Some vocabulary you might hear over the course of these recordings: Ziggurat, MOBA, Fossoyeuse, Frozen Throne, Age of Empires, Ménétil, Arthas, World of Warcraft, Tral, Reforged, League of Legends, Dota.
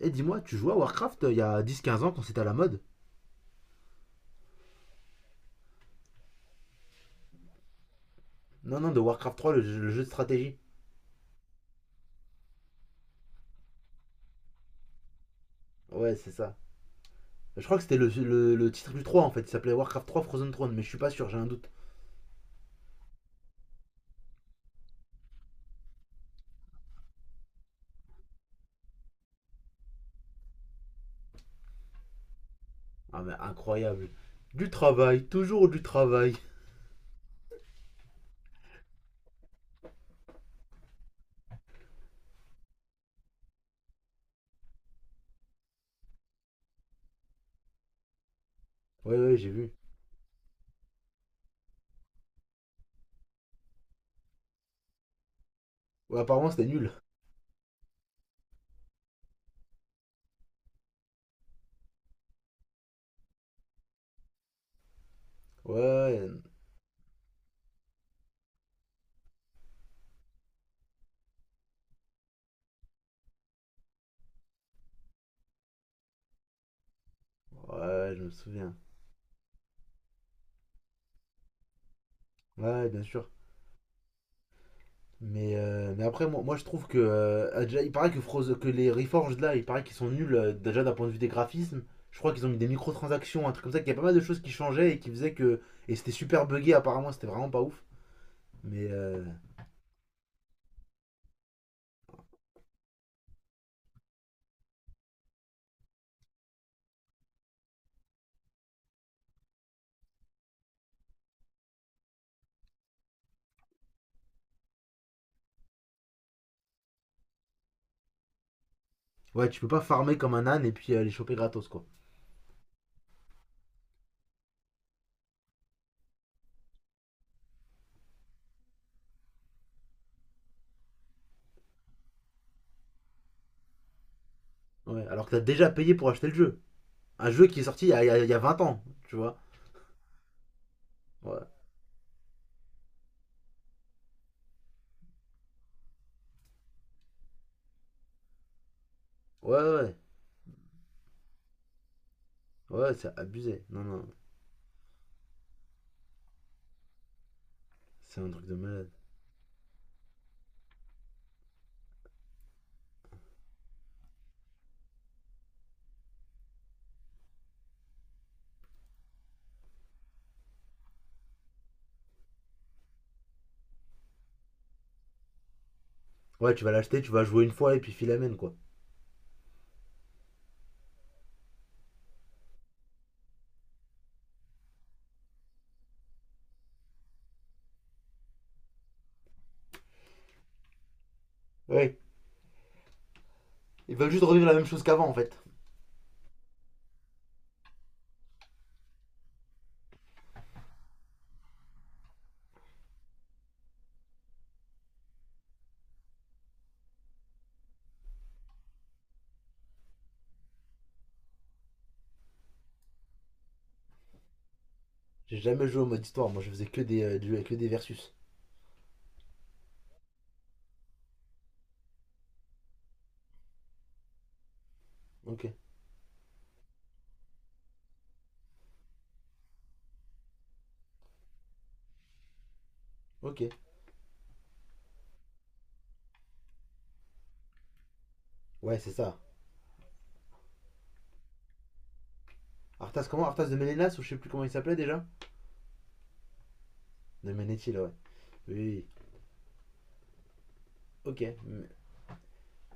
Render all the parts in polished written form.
Et dis-moi, tu jouais à Warcraft il y a 10, 15 ans quand c'était à la mode? Non, non, de Warcraft 3, le jeu de stratégie. Ouais, c'est ça. Je crois que c'était le titre du 3 en fait, il s'appelait Warcraft 3 Frozen Throne, mais je suis pas sûr, j'ai un doute. Ah mais incroyable. Du travail, toujours du travail. Ouais, ouais, j'ai vu. Ouais, apparemment c'était nul. Ouais, ouais, ouais, je me souviens. Ouais, bien sûr. Mais après, moi je trouve que. Déjà, il paraît que les Reforged là, il paraît qu'ils sont nuls déjà d'un point de vue des graphismes. Je crois qu'ils ont mis des microtransactions, un truc comme ça, qu'il y a pas mal de choses qui changeaient et qui faisaient que. Et c'était super buggé apparemment, c'était vraiment pas ouf. Mais ouais, tu peux pas farmer comme un âne et puis les choper gratos quoi. Ouais, alors que t'as déjà payé pour acheter le jeu. Un jeu qui est sorti il y a 20 ans, tu vois. Ouais, ouais, ouais, ouais, ouais, c'est abusé. Non, non, c'est un truc de malade. Ouais, tu vas l'acheter, tu vas jouer une fois et puis filamène quoi. Ouais, ils veulent juste revivre la même chose qu'avant en fait. J'ai jamais joué au mode histoire, moi je faisais que que des versus. Ok, ok. Ouais, c'est ça. Arthas, comment Arthas de Ménélas ou je sais plus comment il s'appelait déjà? De Ménétil, ouais. Oui, oui, oui. Ok. Mm.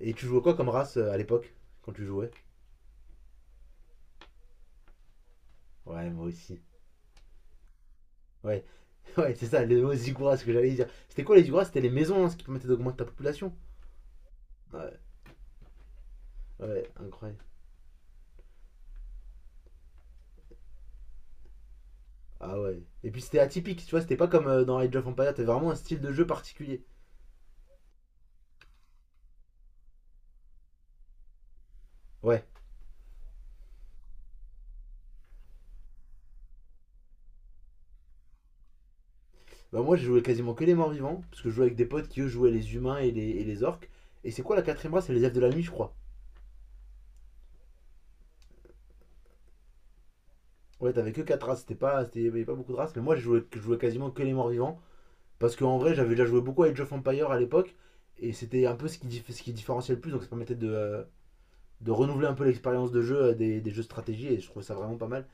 Et tu jouais quoi comme race à l'époque? Quand tu jouais. Ouais, moi aussi. Ouais, ouais, c'est ça, les mots Ziggurat, ce que j'allais dire. C'était quoi les Ziggurat? C'était les maisons, hein, ce qui permettait d'augmenter ta population. Ouais, ouais, incroyable. Ah ouais. Et puis c'était atypique, tu vois, c'était pas comme dans Age of Empires, t'avais vraiment un style de jeu particulier. Ouais, bah moi, j'ai joué quasiment que les morts vivants, parce que je jouais avec des potes qui eux jouaient les humains et les orques. Et c'est quoi la quatrième race? C'est les elfes de la nuit, je crois. Ouais, t'avais que quatre races, c'était pas, c'était- il y avait pas beaucoup de races, mais moi, je jouais quasiment que les morts vivants, parce qu'en vrai, j'avais déjà joué beaucoup à Age of Empires à l'époque, et c'était un peu ce qui différenciait le plus, donc ça permettait de renouveler un peu l'expérience de jeu des jeux de stratégie, et je trouvais ça vraiment pas mal.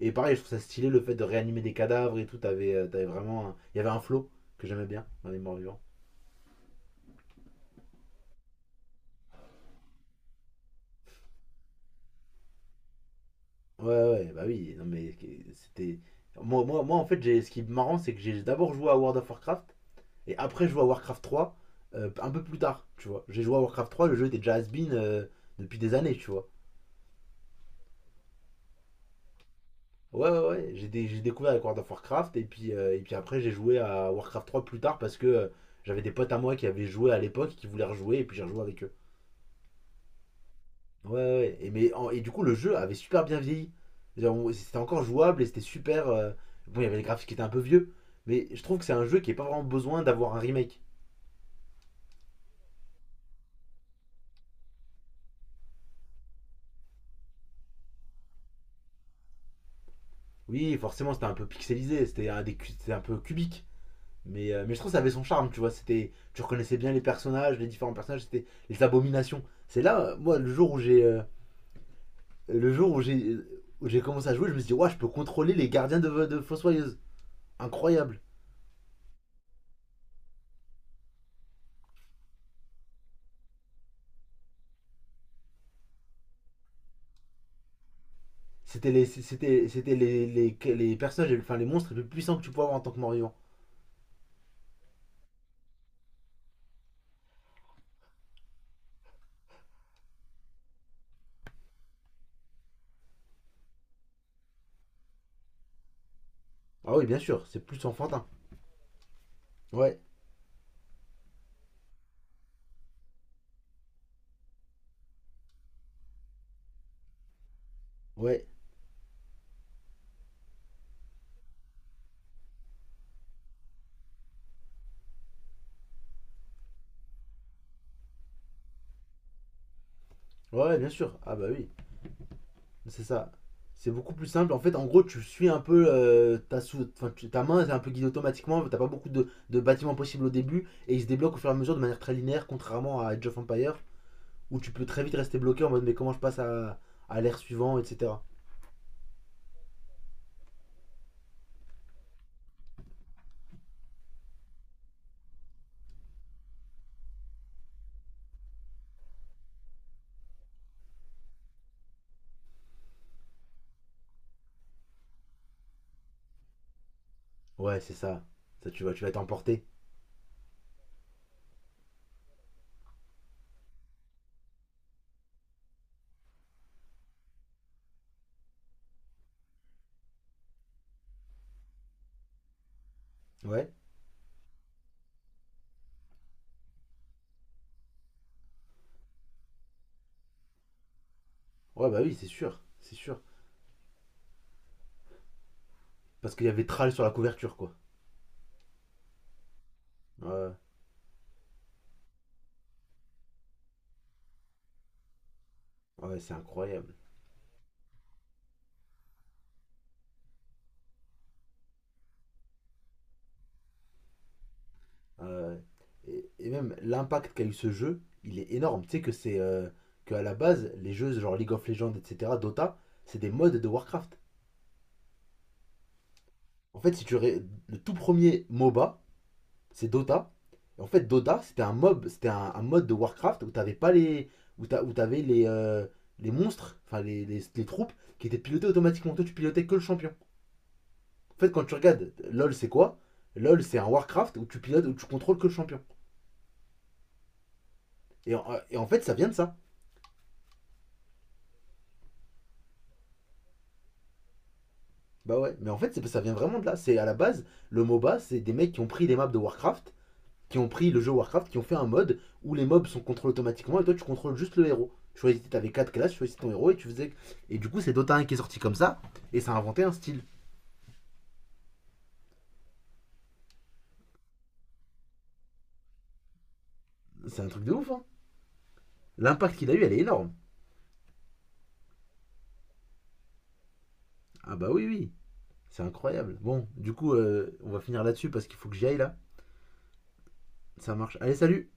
Et pareil, je trouve ça stylé le fait de réanimer des cadavres et tout, t'avais vraiment. Il y avait un flow que j'aimais bien dans les morts vivants. Ouais, ouais, bah oui, non mais c'était. Moi, en fait, j'ai ce qui est marrant, c'est que j'ai d'abord joué à World of Warcraft et après joué à Warcraft 3 un peu plus tard, tu vois. J'ai joué à Warcraft 3, le jeu était déjà has-been depuis des années, tu vois. Ouais, ouais, ouais, j'ai découvert avec World of Warcraft et puis après, j'ai joué à Warcraft 3 plus tard parce que j'avais des potes à moi qui avaient joué à l'époque, qui voulaient rejouer et puis j'ai rejoué avec eux. Ouais, ouais, ouais. Et du coup, le jeu avait super bien vieilli. C'est-à-dire, c'était encore jouable et c'était super. Bon, il y avait les graphismes qui étaient un peu vieux, mais je trouve que c'est un jeu qui n'a pas vraiment besoin d'avoir un remake. Oui, forcément, c'était un peu pixelisé, c'était un peu cubique, mais je trouve que ça avait son charme, tu vois. C'était, tu reconnaissais bien les personnages, les différents personnages, c'était les abominations. C'est là, moi, le jour où j'ai commencé à jouer, je me suis dit, ouais, je peux contrôler les gardiens de Fossoyeuse. Incroyable. C'était les personnages, enfin les monstres les plus puissants que tu pouvais avoir en tant que mort-vivant. Ah oui, bien sûr, c'est plus enfantin. Ouais, ouais, ouais, bien sûr. Ah bah oui, c'est ça. C'est beaucoup plus simple. En fait, en gros, tu suis un peu enfin, ta main, c'est un peu guidée automatiquement. T'as pas beaucoup de bâtiments possibles au début et ils se débloquent au fur et à mesure de manière très linéaire, contrairement à Age of Empire où tu peux très vite rester bloqué en mode mais comment je passe à l'ère suivante, etc. Ouais, c'est ça. Ça, tu vas t'emporter. Ouais, ouais, bah oui, c'est sûr, c'est sûr. Parce qu'il y avait Tral sur la couverture, quoi. Ouais, ouais, c'est incroyable. Ouais. Et même l'impact qu'a eu ce jeu, il est énorme. Tu sais que à la base, les jeux genre League of Legends, etc., Dota, c'est des modes de Warcraft. En fait, si le tout premier MOBA, c'est Dota. En fait, Dota, c'était c'était un mode de Warcraft où t'avais pas les, où t'avais les, les monstres, enfin les troupes qui étaient pilotées automatiquement. Toi, tu pilotais que le champion. En fait, quand tu regardes LoL, c'est quoi? LoL, c'est un Warcraft où tu pilotes, où tu contrôles que le champion. Et en fait, ça vient de ça. Bah ouais, mais en fait, ça vient vraiment de là. C'est à la base, le MOBA, c'est des mecs qui ont pris les maps de Warcraft, qui ont pris le jeu Warcraft, qui ont fait un mode où les mobs sont contrôlés automatiquement et toi, tu contrôles juste le héros. Tu choisissais, t'avais 4 classes, tu choisissais ton héros et tu faisais. Et du coup, c'est Dota 1 qui est sorti comme ça et ça a inventé un style. C'est un truc de ouf, hein. L'impact qu'il a eu, elle est énorme. Ah bah oui, oui, c'est incroyable. Bon, du coup, on va finir là-dessus parce qu'il faut que j'y aille là. Ça marche. Allez, salut!